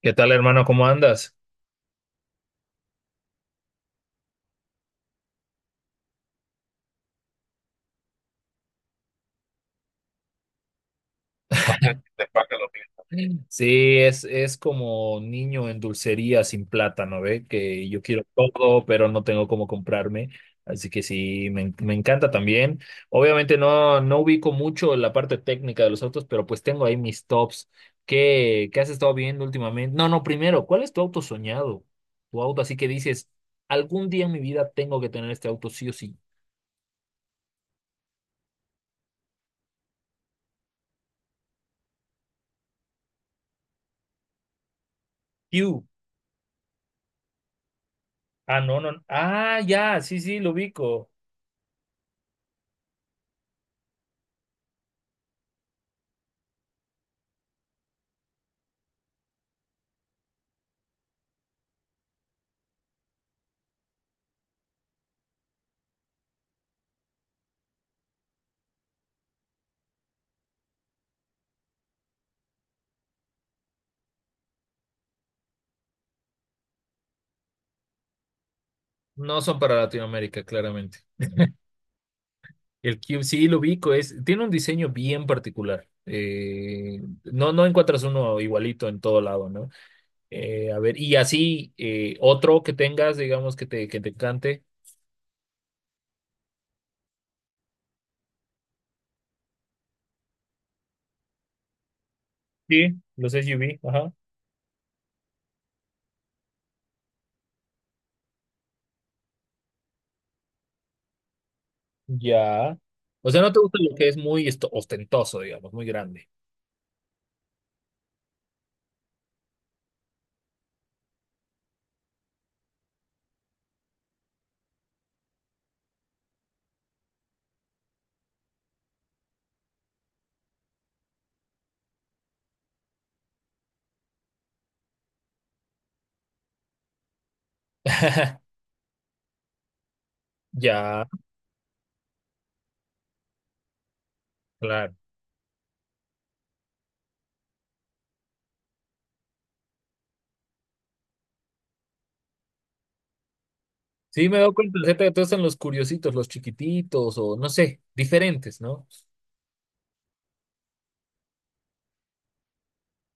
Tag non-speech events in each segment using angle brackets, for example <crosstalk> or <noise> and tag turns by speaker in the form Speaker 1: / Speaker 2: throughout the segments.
Speaker 1: ¿Qué tal, hermano? ¿Cómo andas? <laughs> Te paga lo mismo. <laughs> Sí, es como niño en dulcería sin plátano, ¿ve? Que yo quiero todo, pero no tengo cómo comprarme. Así que sí, me encanta también. Obviamente no ubico mucho la parte técnica de los autos, pero pues tengo ahí mis tops. ¿Qué has estado viendo últimamente? No, no, primero, ¿cuál es tu auto soñado? Tu auto así que dices, algún día en mi vida tengo que tener este auto sí o sí. You. Ah, no, no. Ah, ya, sí, sí, lo ubico. No son para Latinoamérica, claramente. El Cube sí lo ubico, es, tiene un diseño bien particular. No encuentras uno igualito en todo lado, ¿no? A ver, y así otro que tengas, digamos, que te encante. Sí, los SUV, ajá. Ya. O sea, no te gusta lo que es muy ostentoso, digamos, muy grande. <laughs> Ya, claro. Sí, me he dado cuenta, Zeta, que todos están los curiositos, los chiquititos, o no sé, diferentes, ¿no?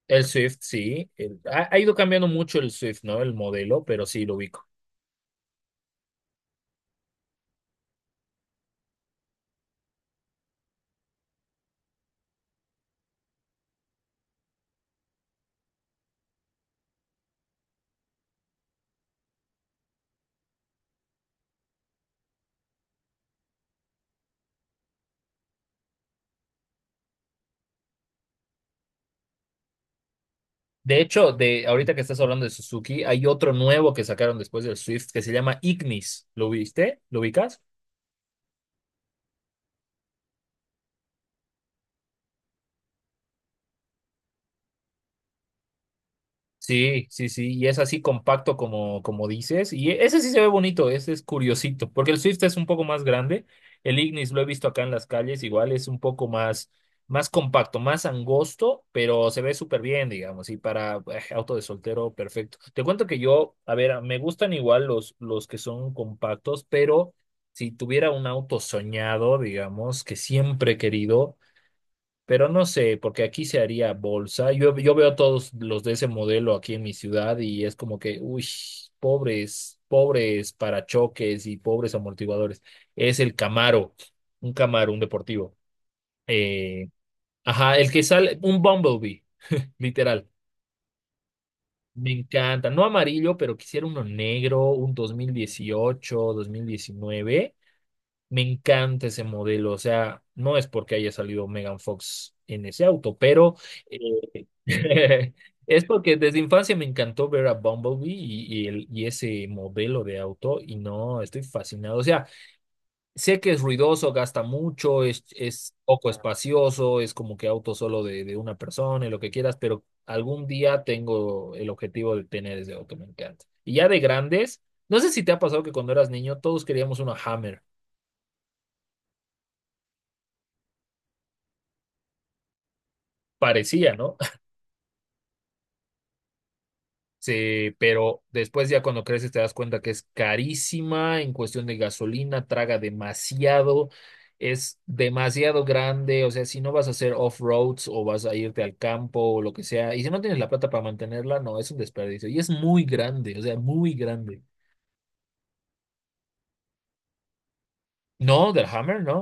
Speaker 1: El Swift, sí. Ha ido cambiando mucho el Swift, ¿no? El modelo, pero sí lo ubico. De hecho, de ahorita que estás hablando de Suzuki, hay otro nuevo que sacaron después del Swift que se llama Ignis. ¿Lo viste? ¿Lo ubicas? Sí, sí, sí, y es así compacto como dices, y ese sí se ve bonito, ese es curiosito, porque el Swift es un poco más grande, el Ignis lo he visto acá en las calles, igual es un poco más compacto, más angosto, pero se ve súper bien, digamos, y para auto de soltero, perfecto. Te cuento que yo, a ver, me gustan igual los que son compactos, pero si tuviera un auto soñado, digamos, que siempre he querido. Pero no sé, porque aquí se haría bolsa. Yo veo todos los de ese modelo aquí en mi ciudad y es como que, uy, pobres, pobres parachoques y pobres amortiguadores. Es el Camaro, un deportivo. Eh, ajá, el que sale, un Bumblebee, literal. Me encanta. No amarillo, pero quisiera uno negro, un 2018 2019. Me encanta ese modelo, o sea, no es porque haya salido Megan Fox en ese auto, pero eh, <laughs> es porque desde infancia me encantó ver a Bumblebee y ese modelo de auto y no, estoy fascinado. O sea, sé que es ruidoso, gasta mucho, es poco espacioso, es como que auto solo de una persona y lo que quieras, pero algún día tengo el objetivo de tener ese auto, me encanta. Y ya de grandes, no sé si te ha pasado que cuando eras niño todos queríamos una Hammer. Parecía, ¿no? Sí, pero después ya cuando creces te das cuenta que es carísima en cuestión de gasolina, traga demasiado, es demasiado grande, o sea, si no vas a hacer off-roads o vas a irte al campo o lo que sea, y si no tienes la plata para mantenerla, no, es un desperdicio. Y es muy grande, o sea, muy grande. No, del Hammer, no.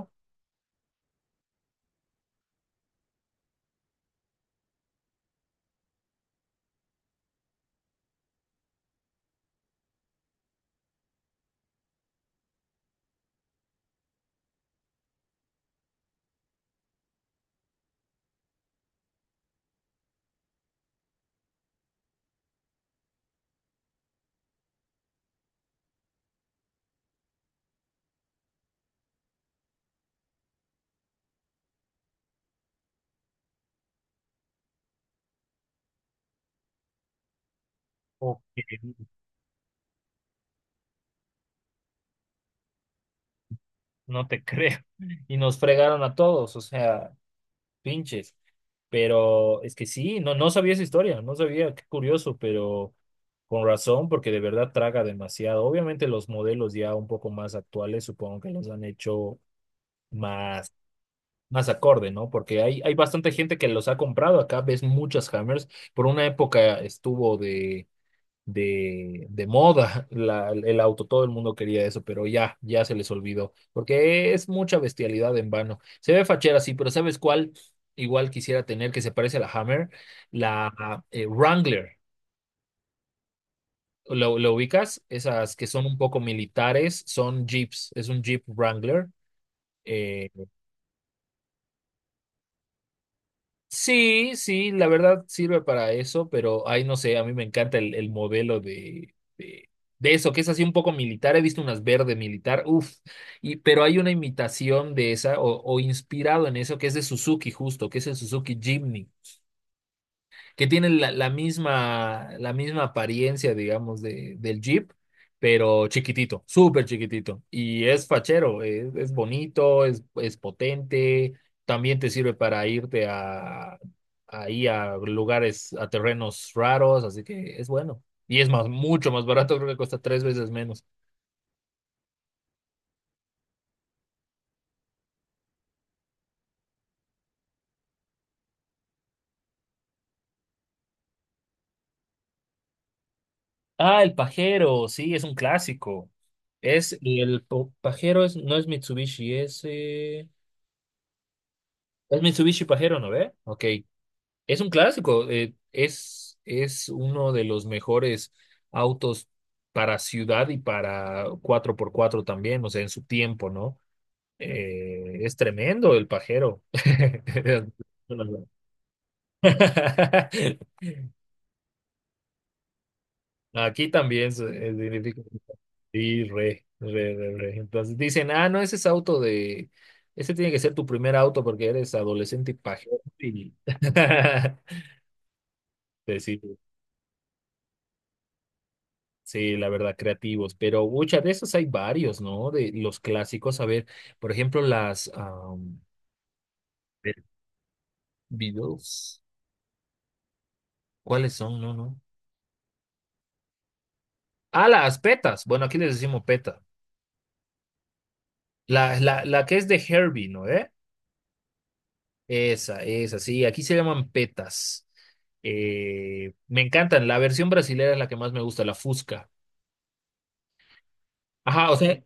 Speaker 1: Ok, no te <laughs> creo. Y nos fregaron a todos, o sea, pinches. Pero es que sí, no sabía esa historia, no sabía, qué curioso, pero... Con razón, porque de verdad traga demasiado. Obviamente los modelos ya un poco más actuales supongo que los han hecho más, más acorde, ¿no? Porque hay bastante gente que los ha comprado. Acá ves muchas Hammers. Por una época estuvo de moda el auto, todo el mundo quería eso, pero ya se les olvidó, porque es mucha bestialidad en vano. Se ve fachera, sí, pero ¿sabes cuál? Igual quisiera tener que se parece a la Hammer, la Wrangler. ¿Lo ubicas? Esas que son un poco militares, son Jeeps, es un Jeep Wrangler. Eh, sí, sí, la verdad sirve para eso, pero ay, no sé, a mí me encanta el modelo de eso, que es así un poco militar. He visto unas verde militar, uff, pero hay una imitación de esa o inspirado en eso que es de Suzuki justo, que es el Suzuki Jimny. Que tienen la misma apariencia, digamos, del Jeep, pero chiquitito, súper chiquitito. Y es fachero, es bonito, es potente, también te sirve para irte ahí a lugares, a terrenos raros, así que es bueno. Y es más, mucho más barato, creo que cuesta tres veces menos. Ah, el pajero, sí, es un clásico. Es el pajero, es, no es Mitsubishi, es Mitsubishi pajero, ¿no ve? Ok. Es un clásico, es uno de los mejores autos para ciudad y para cuatro por cuatro también, o sea, en su tiempo, ¿no? Es tremendo el pajero. <laughs> Aquí también significa sí, re, re, re, re. Entonces dicen, ah, no, ese es auto ese tiene que ser tu primer auto porque eres adolescente y pajero. Y... <laughs> Pues sí, sí, la verdad, creativos, pero muchas de esos hay varios, ¿no? De los clásicos, a ver, por ejemplo, Pe- Beatles, ¿cuáles son? No, no. Ah, las petas, bueno, aquí les decimos peta. La que es de Herbie, ¿no? ¿Eh? Esa, sí, aquí se llaman petas. Me encantan, la versión brasilera es la que más me gusta, la Fusca. Ajá, o sea,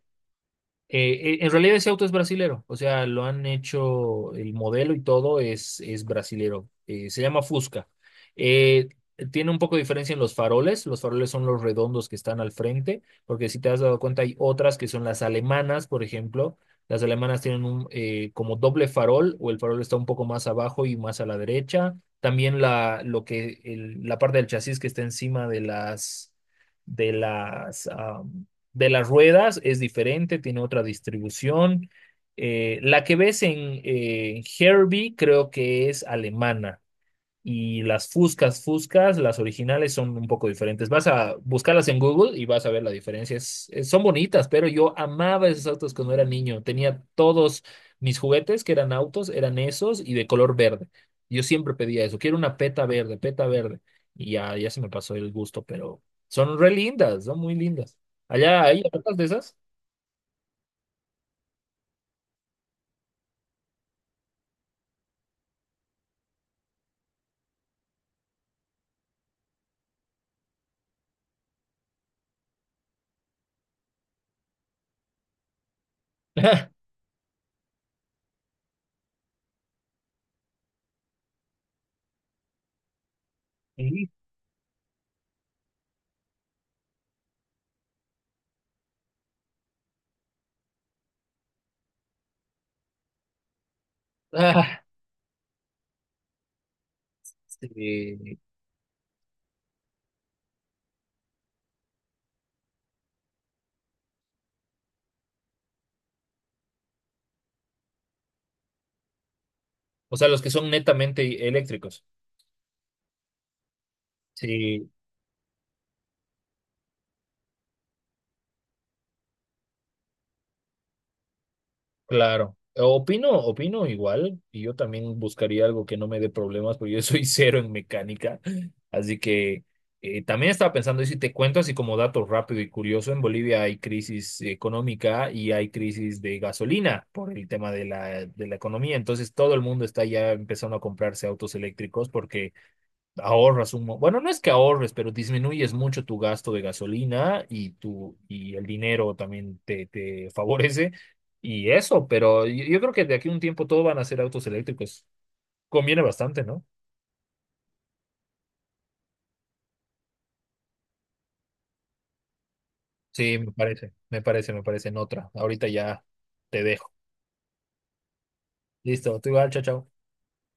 Speaker 1: En realidad ese auto es brasilero, o sea, lo han hecho, el modelo y todo es brasilero. Se llama Fusca. Eh, tiene un poco de diferencia en los faroles son los redondos que están al frente, porque si te has dado cuenta hay otras que son las alemanas, por ejemplo. Las alemanas tienen un, como doble farol o el farol está un poco más abajo y más a la derecha. También la parte del chasis que está encima de las, de las ruedas es diferente, tiene otra distribución. La que ves en Herbie creo que es alemana. Y las Fuscas, las originales son un poco diferentes. Vas a buscarlas en Google y vas a ver la diferencia. Son bonitas, pero yo amaba esos autos cuando era niño. Tenía todos mis juguetes que eran autos, eran esos y de color verde. Yo siempre pedía eso. Quiero una peta verde, peta verde. Y ya se me pasó el gusto, pero son re lindas, son muy lindas. Allá hay tantas de esas. <laughs> Sí. Ah, sí. O sea, los que son netamente eléctricos. Sí. Claro, opino igual, y yo también buscaría algo que no me dé problemas, porque yo soy <laughs> cero en mecánica, así que también estaba pensando, y si te cuento así como dato rápido y curioso, en Bolivia hay crisis económica y hay crisis de gasolina por el tema de la economía, entonces todo el mundo está ya empezando a comprarse autos eléctricos porque ahorras bueno, no es que ahorres, pero disminuyes mucho tu gasto de gasolina y el dinero también te favorece y eso, pero yo creo que de aquí a un tiempo todo van a ser autos eléctricos. Conviene bastante, ¿no? Sí, me parece en otra. Ahorita ya te dejo. Listo, tú igual, chao, chao.